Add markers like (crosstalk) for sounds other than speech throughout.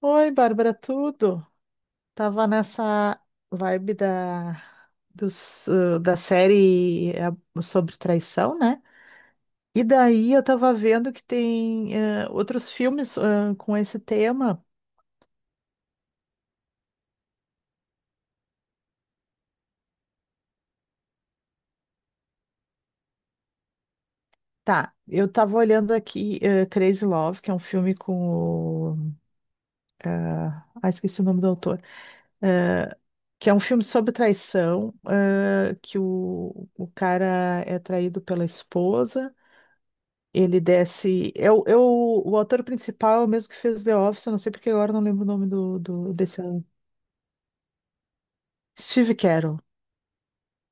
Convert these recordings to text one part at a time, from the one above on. Oi, Bárbara, tudo? Tava nessa vibe da série sobre traição, né? E daí eu tava vendo que tem outros filmes com esse tema. Tá, eu tava olhando aqui Crazy Love, que é um filme com o, esqueci o nome do autor. Eh, que é um filme sobre traição, que o cara é traído pela esposa. Ele desce. É o ator principal, é o mesmo que fez The Office, eu não sei porque agora eu não lembro o nome do desse. Ano. Steve Carell.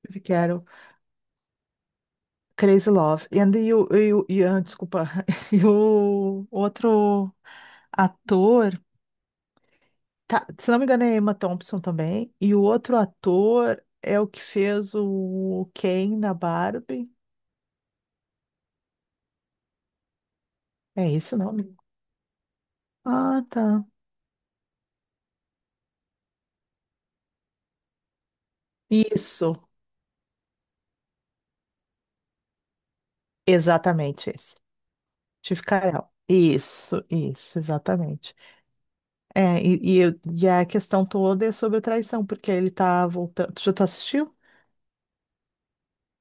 Steve Carell, Crazy Love. E And you, desculpa. (laughs) E o outro ator. Tá, se não me engano, é Emma Thompson também. E o outro ator é o que fez o Ken na Barbie. É esse o nome? Ah, tá. Isso, exatamente esse. Steve Carell. Isso, exatamente. É, e a questão toda é sobre a traição, porque ele tá voltando. Tu já tu assistiu?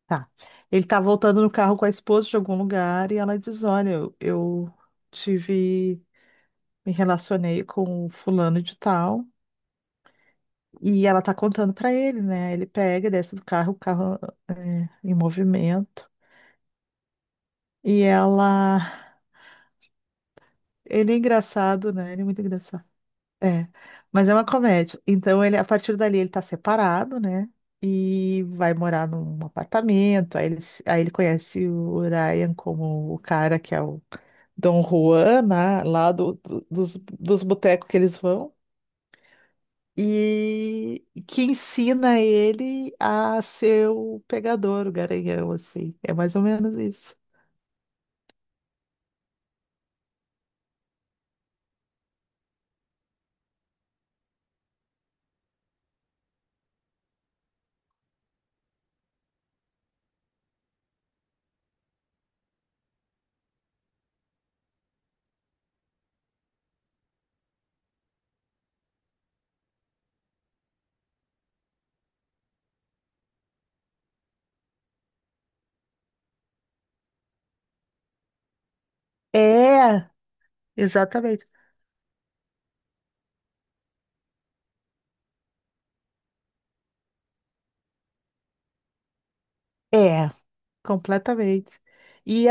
Tá. Ele tá voltando no carro com a esposa de algum lugar e ela diz: Olha, eu tive. Me relacionei com o fulano de tal. E ela tá contando pra ele, né? Ele pega, desce do carro, o carro em movimento. E ela. Ele é engraçado, né? Ele é muito engraçado. É, mas é uma comédia. Então ele, a partir dali, ele tá separado, né? E vai morar num apartamento. Aí ele, se- aí ele conhece o Ryan como o cara que é o Dom Juan, né? Lá dos botecos que eles vão. E que ensina ele a ser o pegador, o garanhão, assim. É mais ou menos isso. É, exatamente. É, completamente. E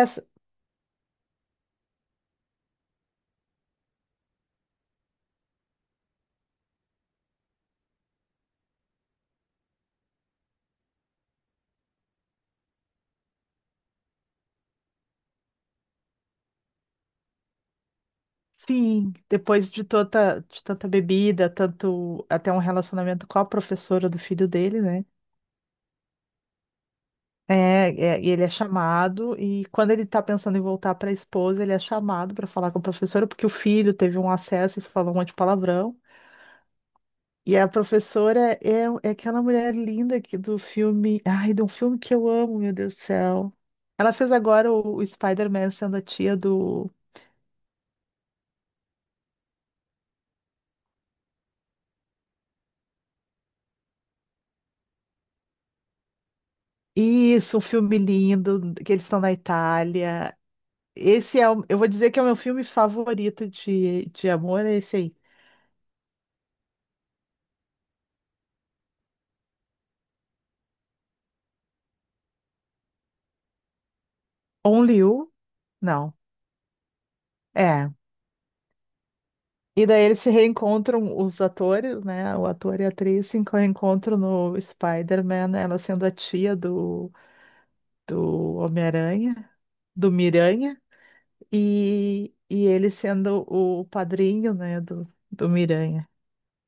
sim, depois de tanta bebida, tanto até um relacionamento com a professora do filho dele, né? E ele é chamado, e quando ele tá pensando em voltar para a esposa, ele é chamado para falar com a professora, porque o filho teve um acesso e falou um monte de palavrão. E a professora é, é aquela mulher linda que do filme. Ai, de um filme que eu amo, meu Deus do céu. Ela fez agora o Spider-Man sendo a tia do. Isso, um filme lindo, que eles estão na Itália. Esse é o, eu vou dizer que é o meu filme favorito de amor, é esse aí. Only You? Não. É. E daí eles se reencontram, os atores, né? O ator e a atriz se reencontram no Spider-Man, ela sendo a tia do Homem-Aranha, do Miranha, e ele sendo o padrinho, né, do Miranha.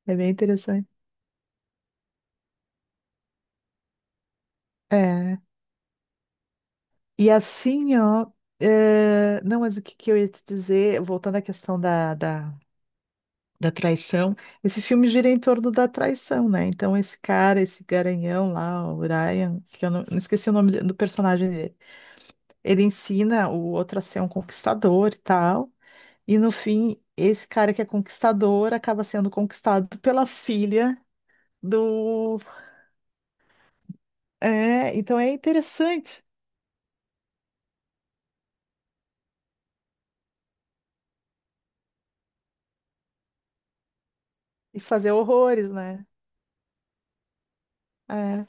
É bem interessante. É. E assim, ó. Não, mas o que que eu ia te dizer, voltando à questão da traição. Esse filme gira em torno da traição, né? Então, esse cara, esse garanhão lá, o Ryan, que eu não, não esqueci o nome de- do personagem dele, ele ensina o outro a ser um conquistador e tal. E no fim, esse cara que é conquistador acaba sendo conquistado pela filha do. É, então é interessante. E fazer horrores, né? É,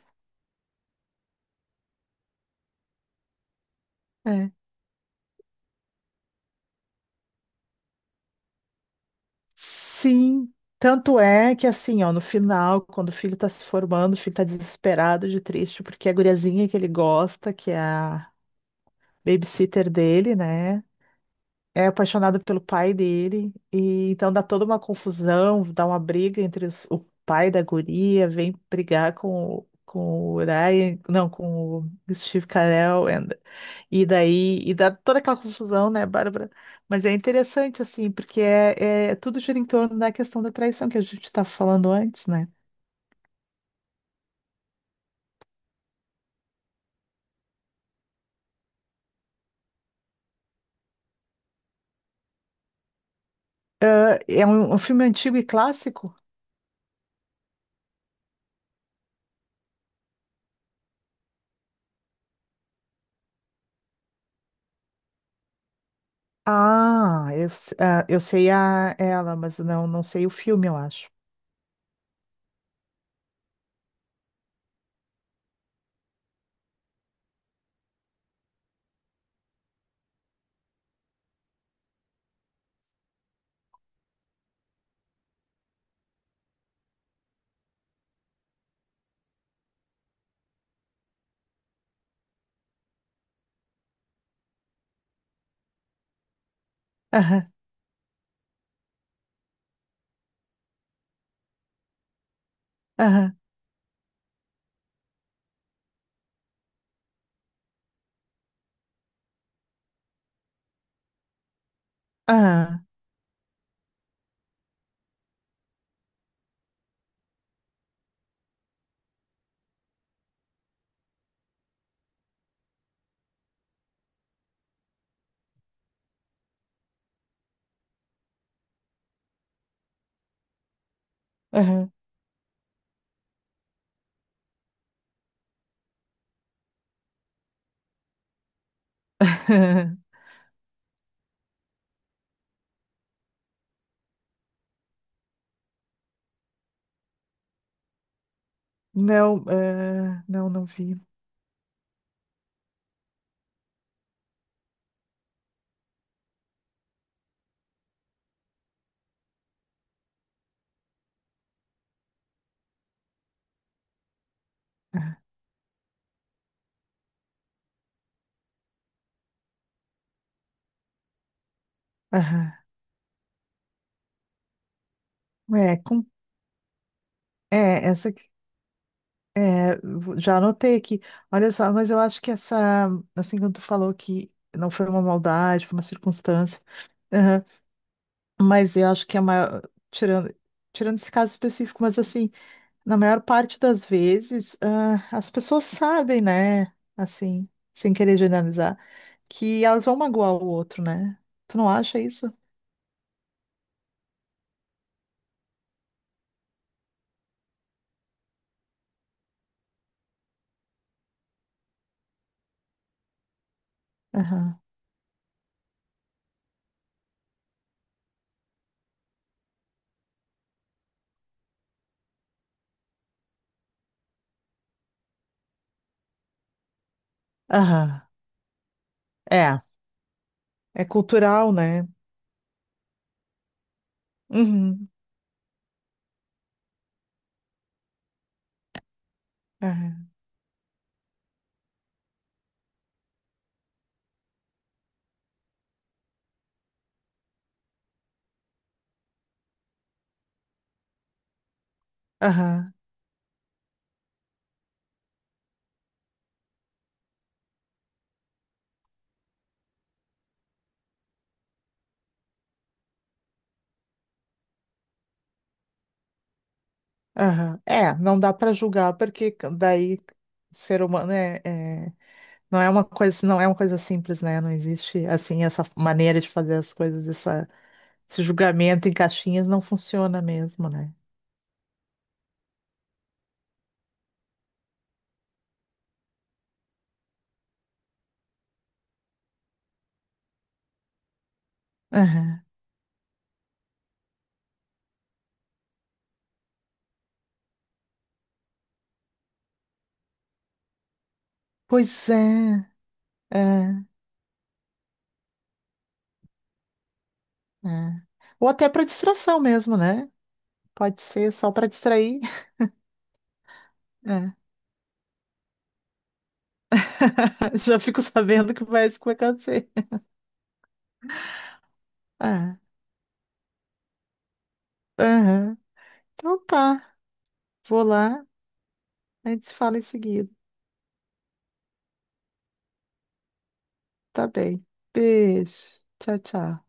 é. Sim, tanto é que assim, ó, no final, quando o filho tá se formando, o filho tá desesperado de triste, porque a guriazinha que ele gosta, que é a babysitter dele, né? É apaixonado pelo pai dele, e então dá toda uma confusão, dá uma briga entre os- o pai da guria, vem brigar com o Ryan, não, com o Steve Carell, e daí, e dá toda aquela confusão, né, Bárbara? Mas é interessante, assim, porque é, é- tudo gira em torno da questão da traição que a gente estava falando antes, né? Ah, é um, um filme antigo e clássico? Ah, eu eu sei a, ela, mas não, não sei o filme, eu acho. Aham, aham. Ah, aham. (laughs) Não, não, não vi. Ah, aham. É, com, é, essa que- é, vo- já anotei aqui. Olha só, mas eu acho que essa, assim, quando tu falou que não foi uma maldade, foi uma circunstância, aham, mas eu acho que a maior, tirando, tirando esse caso específico, mas assim, na maior parte das vezes, as pessoas sabem, né, assim, sem querer generalizar, que elas vão magoar o outro, né? Tu não acha isso? Aham. É, é cultural, né? Uhum. Aham. Aham. Aham. É, não dá para julgar porque daí o ser humano é, é- não é uma coisa, não é uma coisa simples, né? Não existe assim essa maneira de fazer as coisas, essa, esse julgamento em caixinhas não funciona mesmo, né? Aham. Pois é, é, é. Ou até para distração mesmo, né? Pode ser só para distrair. É. (laughs) Já fico sabendo que vai isso que vai acontecer. É. Aham. Então tá, vou lá, a gente se fala em seguida. Tá bem. Beijo. Tchau, tchau.